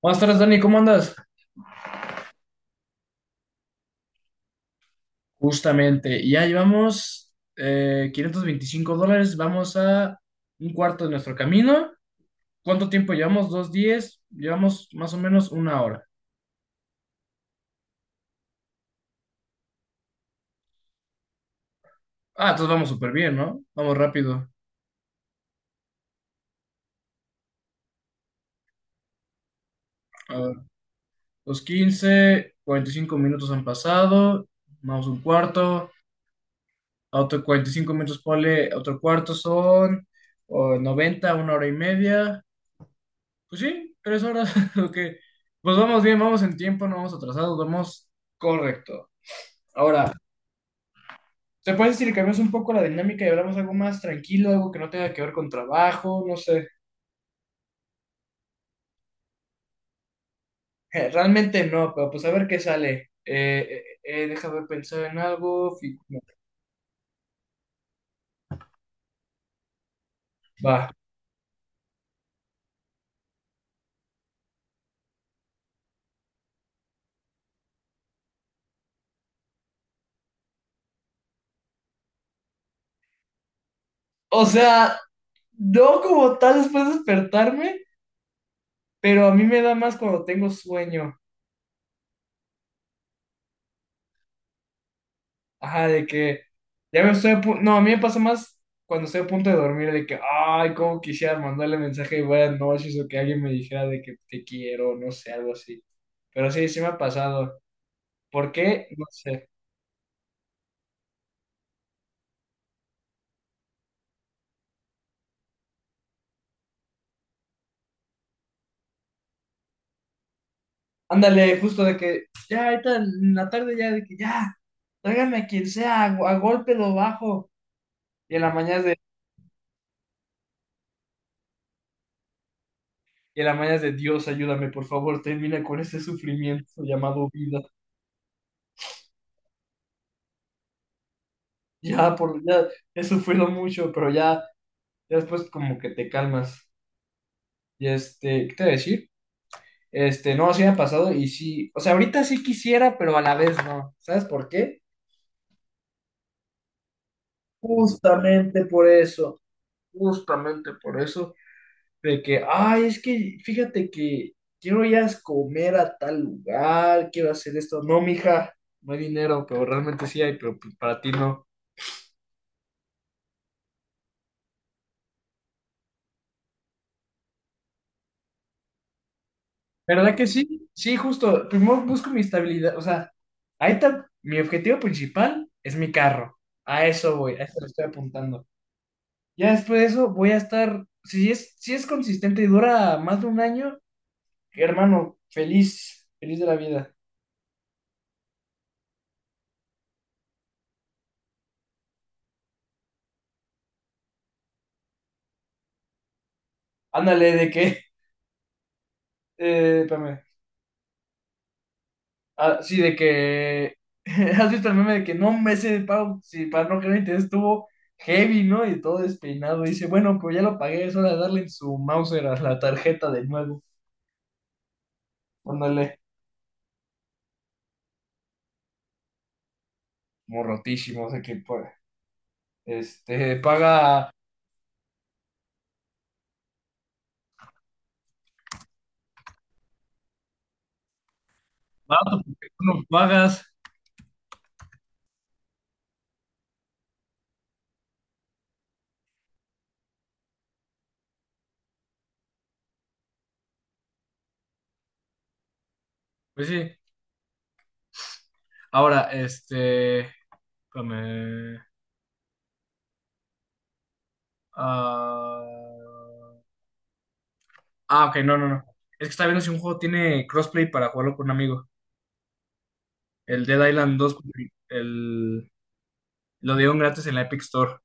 Buenas tardes, Dani, ¿cómo andas? Justamente, ya llevamos $525, vamos a un cuarto de nuestro camino. ¿Cuánto tiempo llevamos? ¿Dos días? Llevamos más o menos una hora. Ah, entonces vamos súper bien, ¿no? Vamos rápido. A ver, 2:15, 45 minutos han pasado, vamos un cuarto, a otro 45 minutos ponle otro cuarto, son oh, 90, una hora y media. Pues sí, 3 horas, ok. Pues vamos bien, vamos en tiempo, no vamos atrasados, vamos correcto. Ahora, ¿te puedes decir que cambiamos un poco la dinámica y hablamos algo más tranquilo, algo que no tenga que ver con trabajo? No sé. Realmente no, pero pues a ver qué sale. Déjame pensar en algo. No. Va. O sea, no como tal después de despertarme, pero a mí me da más cuando tengo sueño. Ajá, de que ya me estoy a no, a mí me pasa más cuando estoy a punto de dormir, de que, ay, cómo quisiera mandarle mensaje de buenas noches o que alguien me dijera de que te quiero, no sé, algo así. Pero sí, sí me ha pasado. ¿Por qué? No sé. Ándale, justo de que ya ahorita en la tarde ya de que ya, tráigame a quien sea, a golpe lo bajo. Y en la mañana es de, y en la mañana es de Dios, ayúdame, por favor, termina con este sufrimiento llamado vida. Ya, por, ya he sufrido mucho, pero ya. Ya después como que te calmas. Y este, ¿qué te voy a decir? Este, no, sí me ha pasado y sí, o sea, ahorita sí quisiera, pero a la vez no. ¿Sabes por qué? Justamente por eso, justamente por eso, de que, ay, es que fíjate que quiero ir a comer a tal lugar, quiero hacer esto. No, mija, no hay dinero, pero realmente sí hay, pero pues, para ti no. ¿Verdad que sí? Sí, justo. Primero busco mi estabilidad. O sea, ahí está. Mi objetivo principal es mi carro. A eso voy, a eso le estoy apuntando. Ya después de eso voy a estar. Si es, si es consistente y dura más de un año, hermano, feliz, feliz de la vida. Ándale, de que. Espérame. Ah, sí, de que. ¿Has visto el meme de que no me sé de pago? Si para no creer, te estuvo heavy, ¿no? Y todo despeinado. Dice, bueno, pues ya lo pagué, es hora de darle en su Mauser a la tarjeta de nuevo. Ándale, como rotísimo, o sea que pues, este, paga barato, porque tú no pagas. Pues sí. Ahora, este. Espérame, ah, ok, no. Es que está viendo si un juego tiene crossplay para jugarlo con un amigo. El Dead Island dos, el, lo dieron gratis en la Epic Store.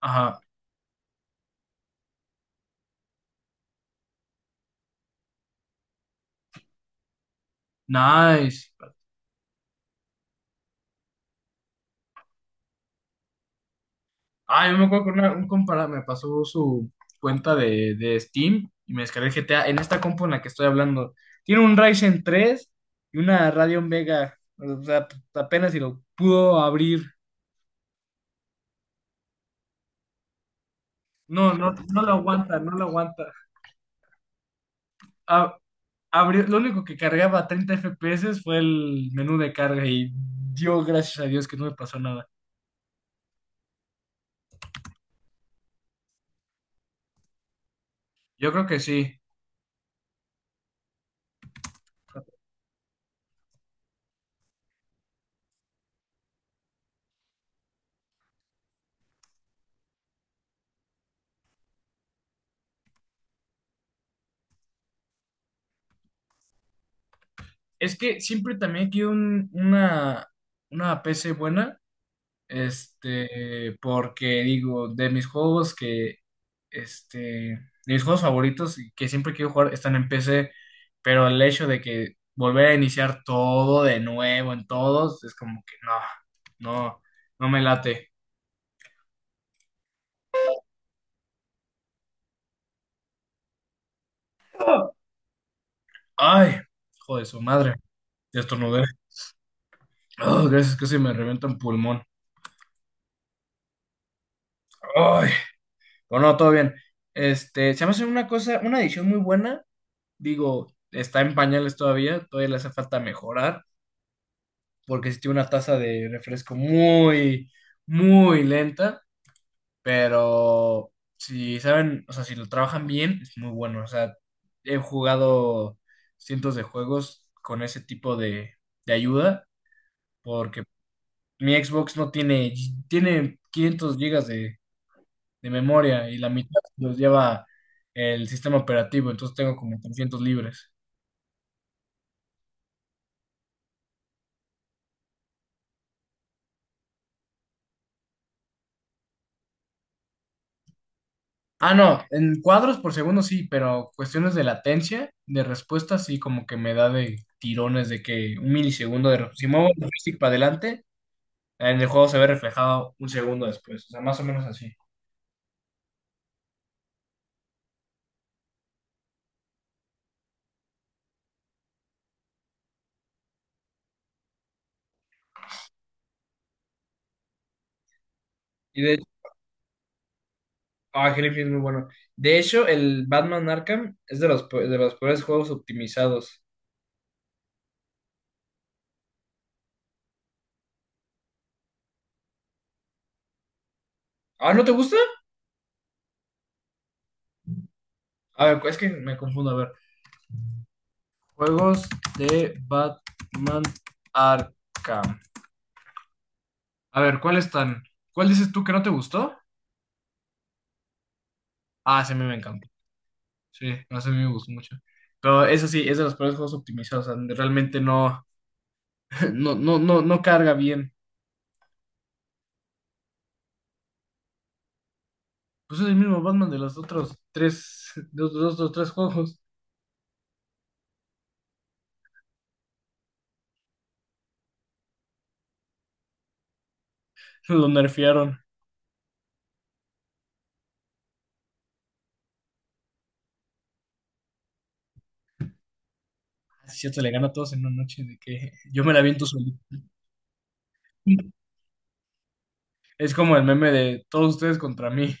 Ajá. Nice. Ah, yo me acuerdo que un compa me pasó su cuenta de Steam y me descargué el GTA en esta compu en la que estoy hablando. Tiene un Ryzen tres y una Radeon Vega. O sea, apenas si lo pudo abrir. No, no, no lo aguanta, no lo aguanta. A- lo único que cargaba a 30 FPS fue el menú de carga, y dio gracias a Dios que no me pasó nada. Yo creo que sí. Es que siempre también quiero una PC buena. Este, porque digo, de mis juegos que, este, de mis juegos favoritos y que siempre quiero jugar están en PC, pero el hecho de que volver a iniciar todo de nuevo en todos es como que no, no, no me late. Ay, joder, su madre, ya estornudé. Oh, gracias, casi me revienta un pulmón. Ay, bueno, no, todo bien. Este, se me hace una cosa, una edición muy buena. Digo, está en pañales todavía, todavía le hace falta mejorar. Porque sí tiene una taza de refresco muy, muy lenta, pero si saben, o sea, si lo trabajan bien, es muy bueno. O sea, he jugado cientos de juegos con ese tipo de ayuda, porque mi Xbox no tiene, tiene 500 gigas de memoria y la mitad los lleva el sistema operativo, entonces tengo como 300 libres. Ah, no, en cuadros por segundo sí, pero cuestiones de latencia, de respuesta, sí, como que me da de tirones de que un milisegundo de... Si muevo el joystick para adelante, en el juego se ve reflejado un segundo después, o sea, más o menos así. Y de hecho, ah, Hellblade es muy bueno. De hecho, el Batman Arkham es de los, de los peores juegos optimizados. Ah, ¿no te gusta? A ver, es que me confundo, a ver. Juegos de Batman Arkham. A ver, ¿cuáles están? ¿Cuál dices tú que no te gustó? Ah, sí, a mí me encantó. Sí, no, ese a mí me gustó mucho. Pero eso sí, es de los peores juegos optimizados. O sea, realmente no, no carga bien. Pues es el mismo Batman de los otros tres, de los dos, dos, tres juegos. Lo nerfearon. Es cierto, le gana a todos en una noche de que yo me la aviento solito. Es como el meme de todos ustedes contra mí.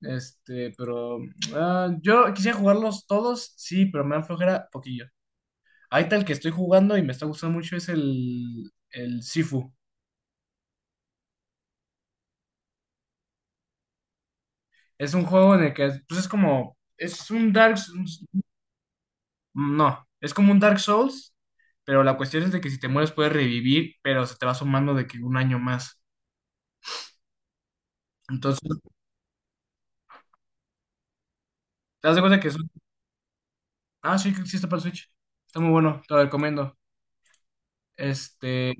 Este, pero ah, yo quisiera jugarlos todos, sí, pero me dan flojera poquillo. Ahí tal que estoy jugando y me está gustando mucho es el Sifu. Es un juego en el que, pues es como, es un Dark, no, es como un Dark Souls, pero la cuestión es de que si te mueres puedes revivir, pero se te va sumando de que un año más. Entonces, te das de cuenta que es ah, sí, que existe para el Switch. Está muy bueno, te lo recomiendo. Este,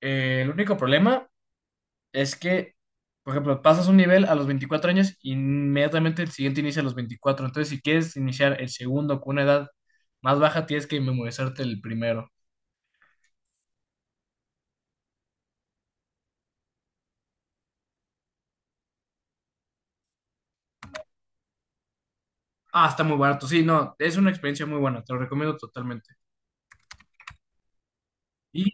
el único problema es que, por ejemplo, pasas un nivel a los 24 años y inmediatamente el siguiente inicia a los 24. Entonces, si quieres iniciar el segundo con una edad más baja, tienes que memorizarte el primero. Ah, está muy barato. Sí, no, es una experiencia muy buena, te lo recomiendo totalmente. ¿Y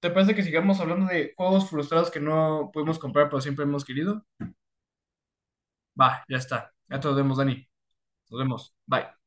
te parece que sigamos hablando de juegos frustrados que no pudimos comprar, pero siempre hemos querido? Va, ya está. Ya te nos vemos, Dani. Nos vemos. Bye.